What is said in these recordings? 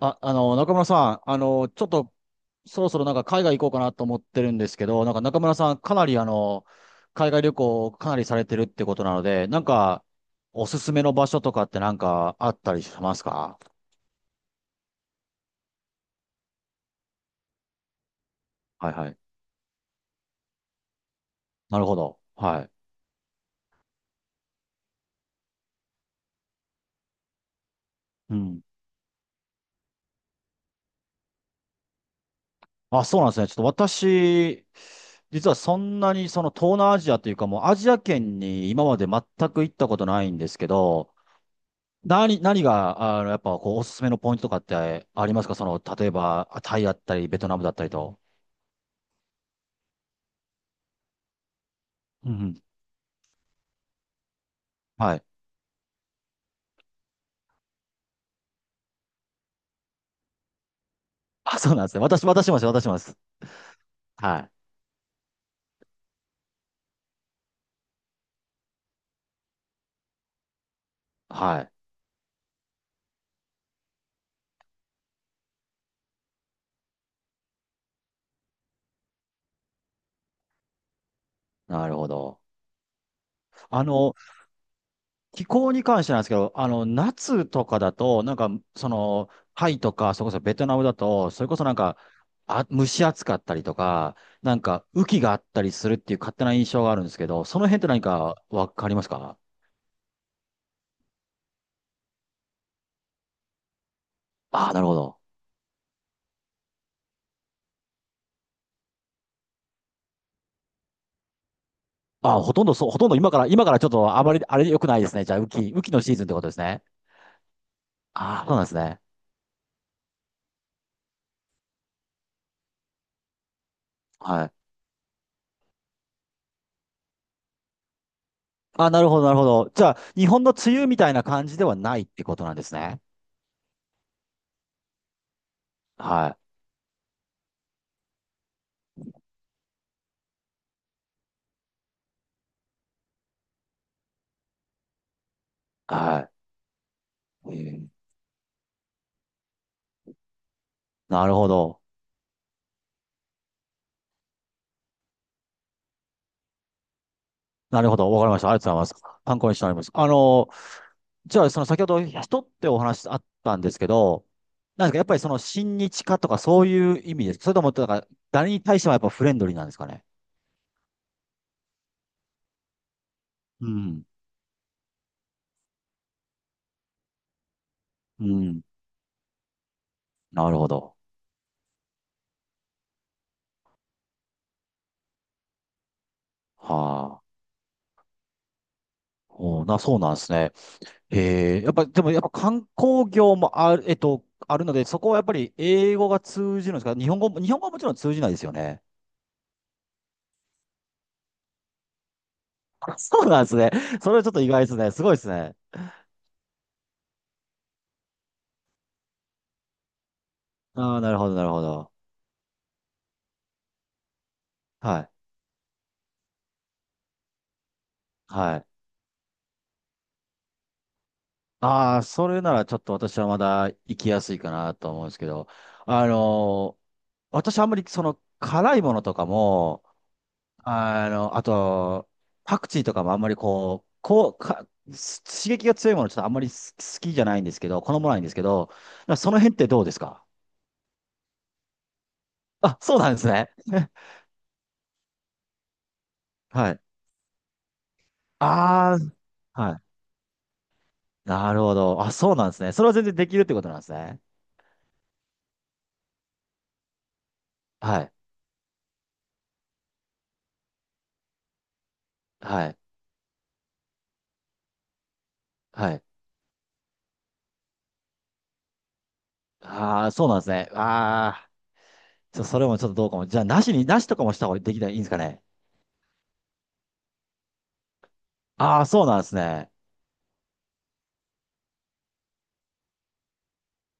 あ、中村さん、ちょっと、そろそろ海外行こうかなと思ってるんですけど、なんか中村さん、かなり海外旅行をかなりされてるってことなので、なんか、おすすめの場所とかってあったりしますか？はいはい。なるほど。はい。うん。あ、そうなんですね。ちょっと私、実はそんなにその東南アジアというかもうアジア圏に今まで全く行ったことないんですけど、何が、あの、やっぱ、こう、おすすめのポイントとかってありますか？その、例えば、タイだったり、ベトナムだったりと。うんうん。はい。あ、そうなんですね。私もです、私もです。はい。はい。なるほど。あの、気候に関してなんですけど、あの、夏とかだと、なんか、その、タイとか、それこそベトナムだと、それこそなんか、あ、蒸し暑かったりとか、なんか、雨季があったりするっていう勝手な印象があるんですけど、その辺って何かわかりますか？ああー、なるほど。ほとんど今からちょっとあまり、あれ良くないですね。じゃあ、雨季のシーズンってことですね。ああ、そうなんですね。はい。あ、なるほど、なるほど。じゃあ、日本の梅雨みたいな感じではないってことなんですね。はい。はい。なるほど。なるほど。わかりました。ありがとうございます。参考にしております。あの、じゃあ、その先ほど人ってお話あったんですけど、なんですか、やっぱりその親日家とかそういう意味ですか？それとも、なんか、誰に対してもやっぱフレンドリーなんですかね。うん。うん。なるほど。はあ。おーな、そうなんですね。ええ、やっぱ観光業もある、えっと、あるので、そこはやっぱり英語が通じるんですか？日本語も、日本語はもちろん通じないですよね。あ、そうなんですね。それはちょっと意外ですね。すごいですね。ああ、なるほど、なるほど。はい。はい。ああ、それならちょっと私はまだ行きやすいかなと思うんですけど、あのー私あんまりその辛いものとかも、あの、あと、パクチーとかもあんまり刺激が強いものちょっとあんまり好きじゃないんですけど、好まないんですけど、その辺ってどうですか？あ、そうなんですね。はい。ああ、はい。なるほど。あ、そうなんですね。それは全然できるってことなんですね。はい。はい。はい。ああ、そうなんですね。ああ、ちょ、それもちょっとどうかも。じゃあ、なしとかもした方ができない、いいんですかね。ああ、そうなんですね。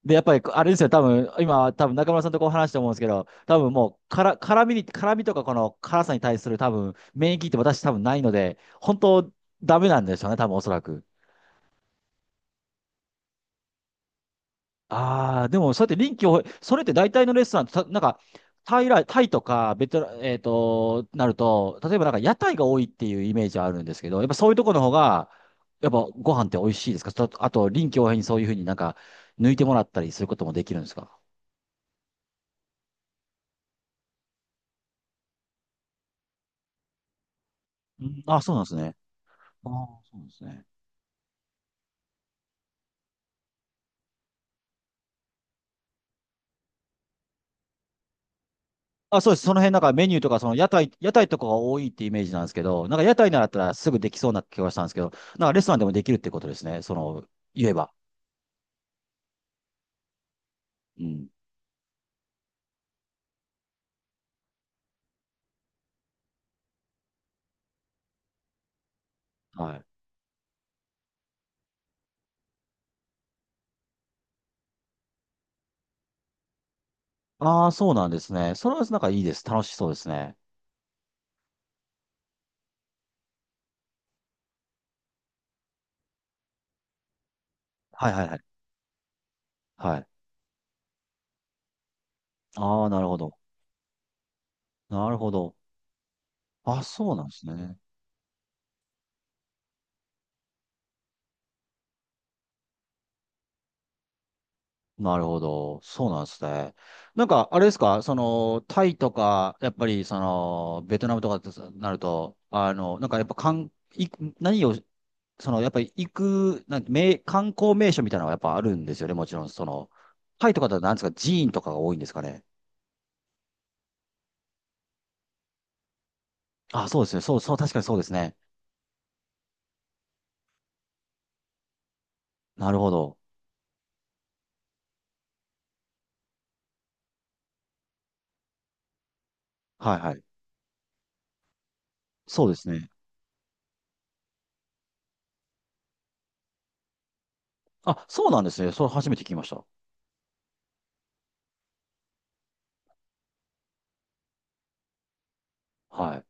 で、やっぱり、あれですよ、多分今、中村さんとこう話して思うんですけど、多分もう、から、辛みに、辛みとかこの辛さに対する多分、免疫って私多分ないので、本当、ダメなんでしょうね、多分おそらく。ああ、でも、そうやって臨機応変、それって大体のレストラン、なんか、タイとか、ベトナ、えっと、なると、例えばなんか屋台が多いっていうイメージはあるんですけど、やっぱそういうところの方が、やっぱご飯って美味しいですか？とあと、臨機応変にそういうふうになんか、抜いてもらったりすることもできるんですか？うん、あ、そうなんですね。ああ、そうですね。あ、そうです。その辺、なんかメニューとか、屋台とかが多いってイメージなんですけど、なんか屋台ならだったらすぐできそうな気がしたんですけど、なんかレストランでもできるってことですね。その、言えば。うん。はい。ああ、そうなんですね。それはなんかいいです。楽しそうですね。はいはいはい。はい。ああ、なるほど。なるほど。あ、そうなんですね。なるほど。そうなんですね。なんか、あれですか、その、タイとか、やっぱり、その、ベトナムとかってなると、あの、なんかやっぱ、かん、い、何をその、やっぱり行く、なんて、名、観光名所みたいなのはやっぱあるんですよね、もちろん。その、タイとかだと何ですか、寺院とかが多いんですかね。あ、そうですね。そう、確かにそうですね。なるほど。はいはい。そうですね。あ、そうなんですね。それ初めて聞きました。はい。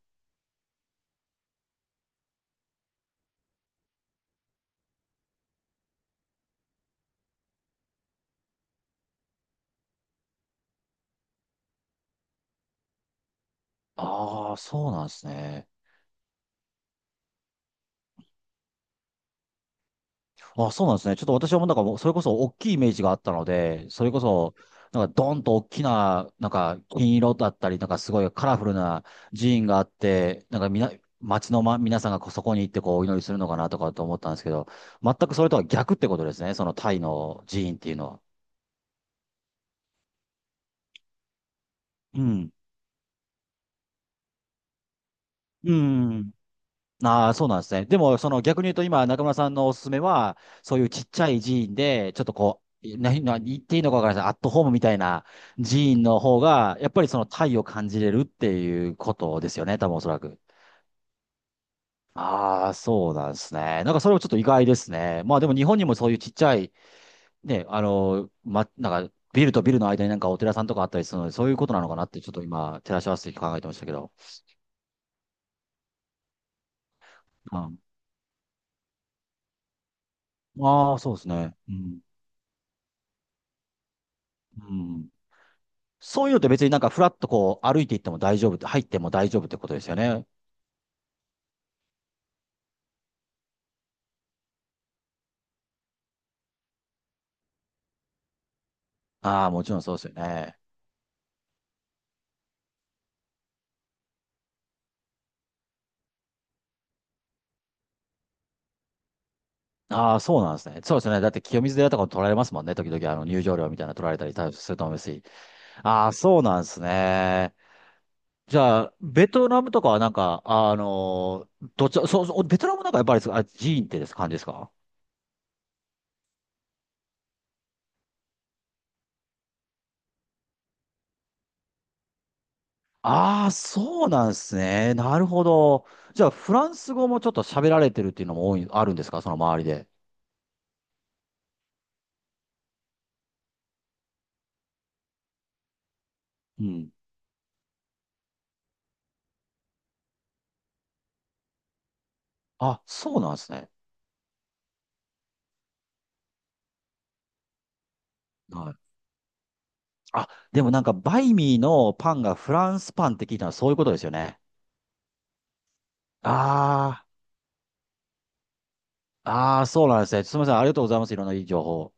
ああ、そうなんですね。あ、そうなんですね。ちょっと私はもうなんかもう、それこそ大きいイメージがあったので、それこそ、なんかドンと大きな、なんか金色だったり、なんかすごいカラフルな寺院があって、なんかみな、町の、ま、皆さんがこうそこに行ってこうお祈りするのかなとかと思ったんですけど、全くそれとは逆ってことですね。そのタイの寺院っていうのは。うん。うん。ああ、そうなんですね。でも、その逆に言うと、今、中村さんのおすすめは、そういうちっちゃい寺院で、ちょっとこう、何言っていいのかわからないです。アットホームみたいな寺院の方が、やっぱりその体を感じれるっていうことですよね、多分おそらく。ああ、そうなんですね。なんかそれもちょっと意外ですね。まあでも日本にもそういうちっちゃい、ね、あの、ま、なんかビルとビルの間になんかお寺さんとかあったりするので、そういうことなのかなってちょっと今、照らし合わせて考えてましたけど。うん、ああ、そうですね。うん。うん。そういうのって別になんかフラッとこう歩いていっても大丈夫って、入っても大丈夫ってことですよね。ああ、もちろんそうですよね。ああ、そうなんですね。そうですよね。だって清水寺とかも取られますもんね。時々あの入場料みたいなの取られたりすると思うし。ああ、そうなんですね。じゃあ、ベトナムとかはなんか、あのーどっち、そう、そう、ベトナムなんかやっぱりあ、寺院ってです感じですか？ああー、そうなんですね。なるほど。じゃあ、フランス語もちょっと喋られてるっていうのもあるんですか？その周りで。うん。あ、そうなんですね。はい。あ、でもなんか、バイミーのパンがフランスパンって聞いたのはそういうことですよね。ああ、ああ、そうなんですね。すみません。ありがとうございます。いろんないい情報。